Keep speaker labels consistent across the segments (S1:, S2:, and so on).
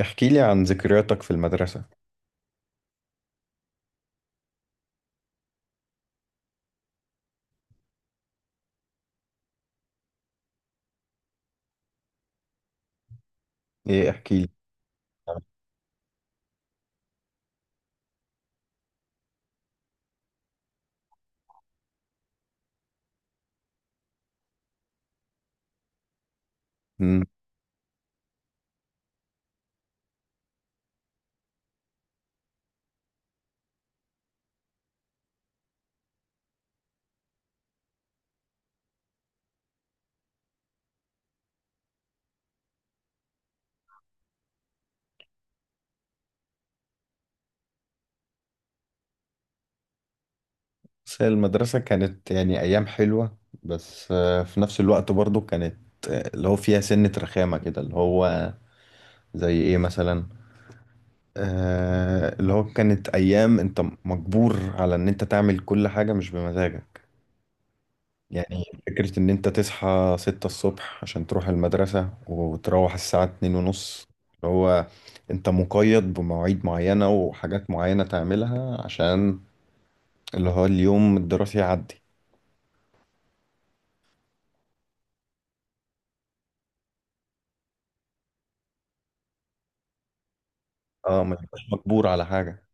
S1: احكي لي عن ذكرياتك في المدرسة. ايه، احكي لي. مم. بس هي المدرسة كانت يعني ايام حلوة. بس في نفس الوقت برضو كانت اللي هو فيها سنة رخامة كده اللي هو. زي ايه مثلا؟ اللي هو كانت ايام انت مجبور على ان انت تعمل كل حاجة مش بمزاجك. يعني فكرة ان انت تصحى 6 الصبح عشان تروح المدرسة، وتروح الساعة 2:30. اللي هو انت مقيد بمواعيد معينة وحاجات معينة تعملها عشان اللي هو اليوم الدراسي يعدي. اه، ما يبقاش مجبور على حاجة.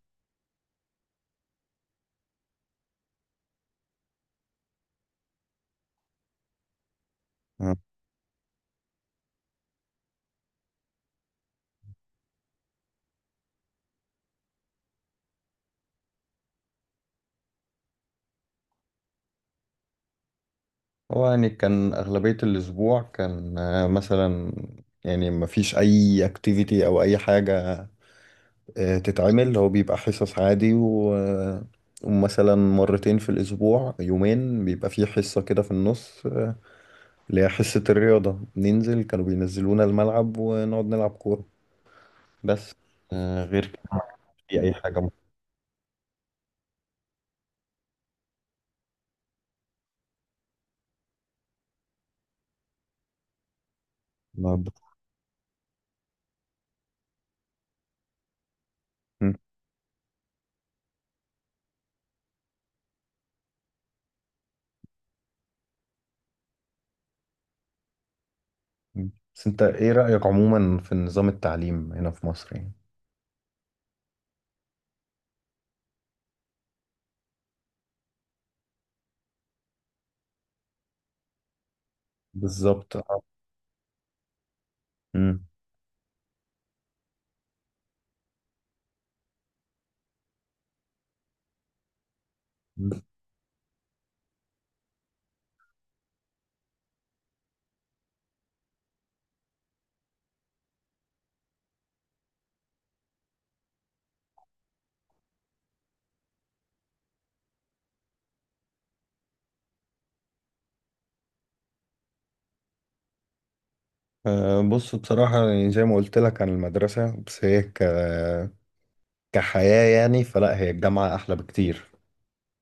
S1: آه. هو يعني كان أغلبية الأسبوع كان مثلا، يعني ما فيش أي اكتيفيتي أو أي حاجة تتعمل. هو بيبقى حصص عادي و... آه، ومثلا مرتين في الأسبوع، يومين بيبقى فيه حصة كده في النص، اللي هي حصة الرياضة، ننزل، كانوا بينزلونا الملعب ونقعد نلعب كورة بس. غير كده ما في أي حاجة. مم. بس انت ايه رأيك عموما في نظام التعليم هنا في مصر يعني؟ بالظبط، اه. مم. مم. بص، بصراحة يعني زي ما قلت لك عن المدرسة، بس هي كحياة يعني، فلا هي الجامعة أحلى بكتير.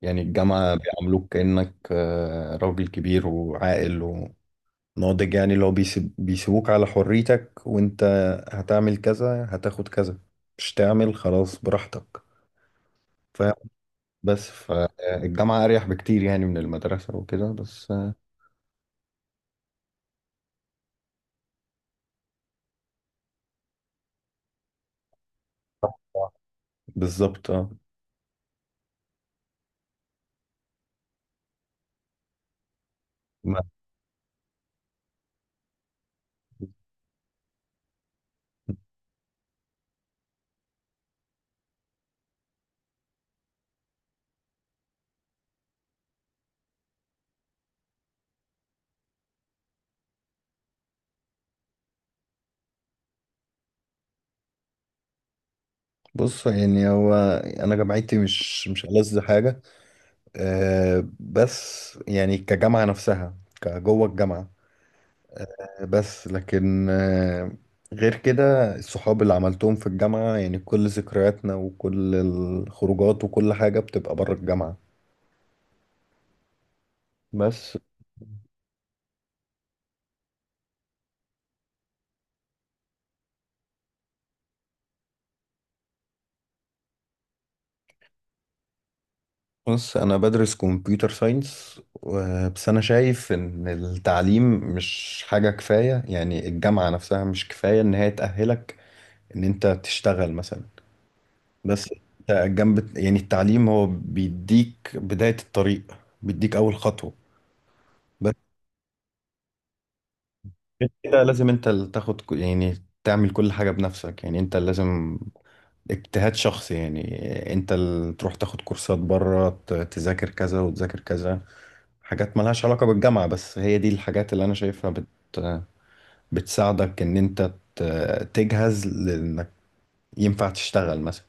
S1: يعني الجامعة بيعاملوك كأنك راجل كبير وعاقل وناضج. يعني لو بيسيبوك على حريتك، وانت هتعمل كذا، هتاخد كذا، مش تعمل خلاص براحتك، فاهم. بس فالجامعة أريح بكتير يعني من المدرسة وكده بس. بالظبط، اه. ما- بص، يعني هو انا جامعتي مش ألذ حاجه. بس يعني كجامعه نفسها، كجوه الجامعه، بس لكن غير كده الصحاب اللي عملتهم في الجامعه، يعني كل ذكرياتنا وكل الخروجات وكل حاجه بتبقى بره الجامعه بس. بص، انا بدرس كمبيوتر ساينس. بس انا شايف ان التعليم مش حاجه كفايه. يعني الجامعه نفسها مش كفايه ان هي تأهلك ان انت تشتغل مثلا. بس انت جنب يعني التعليم هو بيديك بداية الطريق، بيديك اول خطوة. بس غير كده لازم انت اللي تاخد يعني تعمل كل حاجة بنفسك. يعني انت لازم اجتهاد شخصي. يعني انت اللي تروح تاخد كورسات بره، تذاكر كذا وتذاكر كذا، حاجات ملهاش علاقة بالجامعة. بس هي دي الحاجات اللي انا شايفها بتساعدك ان انت تجهز لانك ينفع تشتغل مثلا.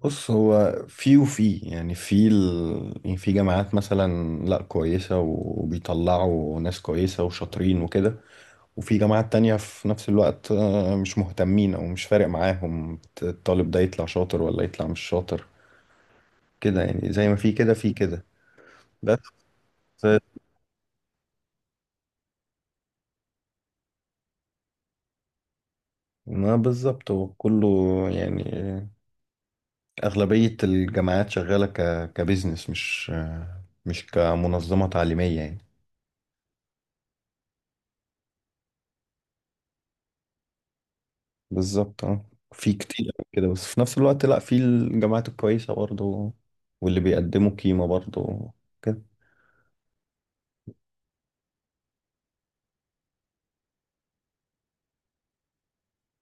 S1: بص، هو في وفي يعني في يعني في جامعات مثلا لا كويسة، وبيطلعوا ناس كويسة وشاطرين وكده. وفي جامعات تانية في نفس الوقت مش مهتمين، أو مش فارق معاهم الطالب ده يطلع شاطر ولا يطلع مش شاطر. كده يعني، زي ما في كده في كده بس. ما بالظبط، هو كله يعني أغلبية الجامعات شغالة كبزنس، مش كمنظمة تعليمية يعني. بالظبط، اه. في كتير أوي كده، بس في نفس الوقت لا، في الجامعات الكويسة برضو واللي بيقدموا قيمة برضو كده.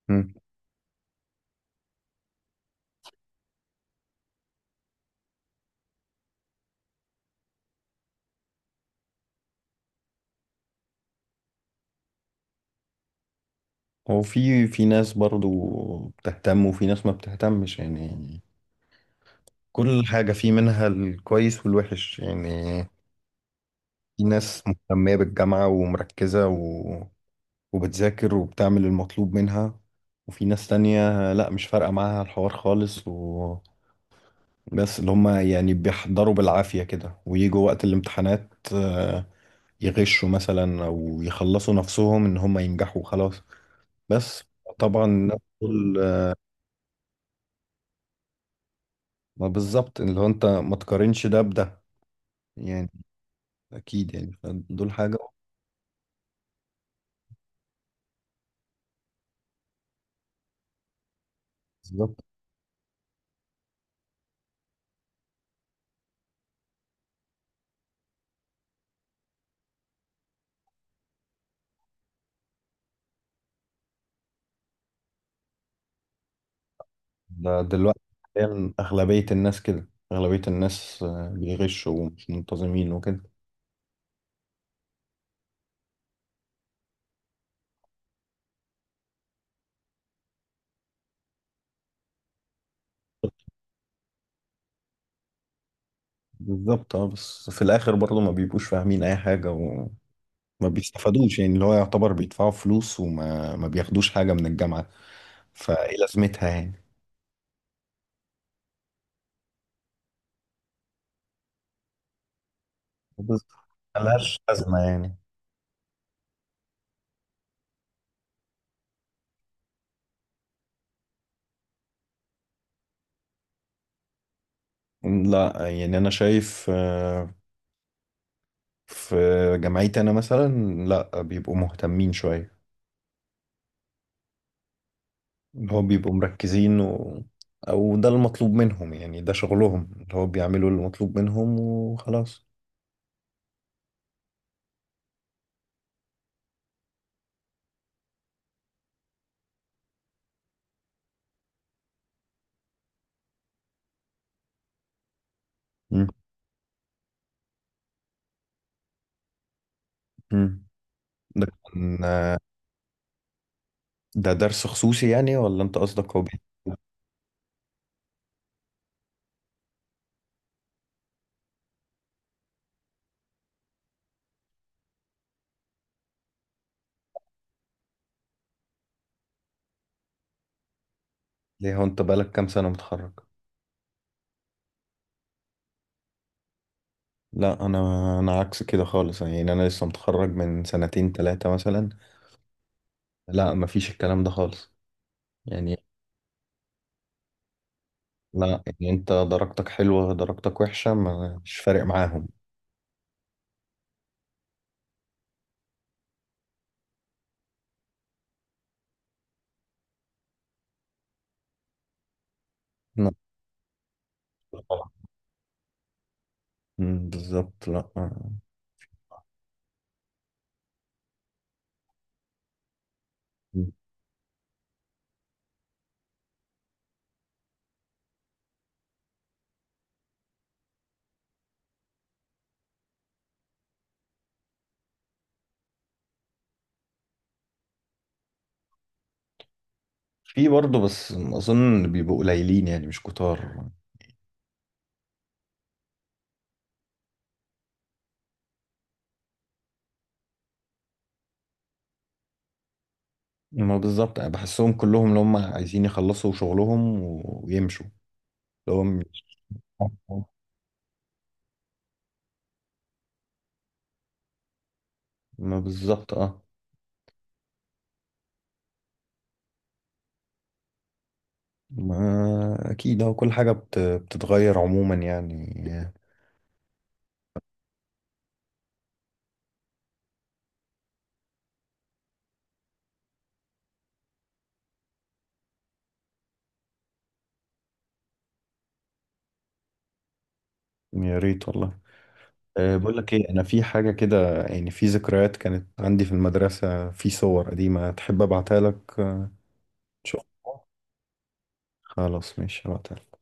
S1: مم. هو في ناس برضو بتهتم، وفي ناس ما بتهتمش يعني. كل حاجة في منها الكويس والوحش يعني. في ناس مهتمة بالجامعة ومركزة، وبتذاكر وبتعمل المطلوب منها. وفي ناس تانية لا، مش فارقة معاها الحوار خالص، بس اللي هم يعني بيحضروا بالعافية كده، ويجوا وقت الامتحانات، يغشوا مثلا، او يخلصوا نفسهم ان هم ينجحوا خلاص بس. طبعا الناس دول. ما بالظبط اللي هو انت ما تقارنش ده بده يعني، اكيد يعني دول حاجة. بالظبط. ده دلوقتي حالياً اغلبية الناس كده، اغلبية الناس بيغشوا ومش منتظمين وكده. بالظبط، اه. بس في الاخر برضه ما بيبقوش فاهمين اي حاجة، ما بيستفادوش يعني. اللي هو يعتبر بيدفعوا فلوس وما ما بياخدوش حاجة من الجامعة، فايه لازمتها يعني. بالظبط. ملهاش لازمة يعني. لا، يعني أنا شايف في جامعتي أنا مثلا لا، بيبقوا مهتمين شوية. اللي هو بيبقوا مركزين، أو ده المطلوب منهم يعني، ده شغلهم، اللي هو بيعملوا المطلوب منهم وخلاص. مم. مم. ده كان- ده درس خصوصي يعني؟ ولا أنت قصدك هو ليه هو أنت بقالك كام سنة متخرج؟ لا انا عكس كده خالص. يعني انا لسه متخرج من سنتين 3 مثلا. لا، مفيش الكلام ده خالص يعني. لا يعني انت درجتك حلوة، درجتك وحشة، مش فارق معاهم. لا، طبعا. بالظبط، لا. أمم. في برضه، بس اظن بيبقوا قليلين يعني مش كتار. ما بالظبط، أنا بحسهم كلهم اللي هم عايزين يخلصوا شغلهم، ويمشوا، اللي هم ما بالظبط، اه. ما اكيد، هو كل حاجه بتتغير عموما يعني. يا ريت والله. أه، بقول لك ايه، انا في حاجه كده، يعني في ذكريات كانت عندي في المدرسه، في صور قديمه تحب ابعتها لك. تشوفها؟ خلاص، ماشي، هبعتها لك.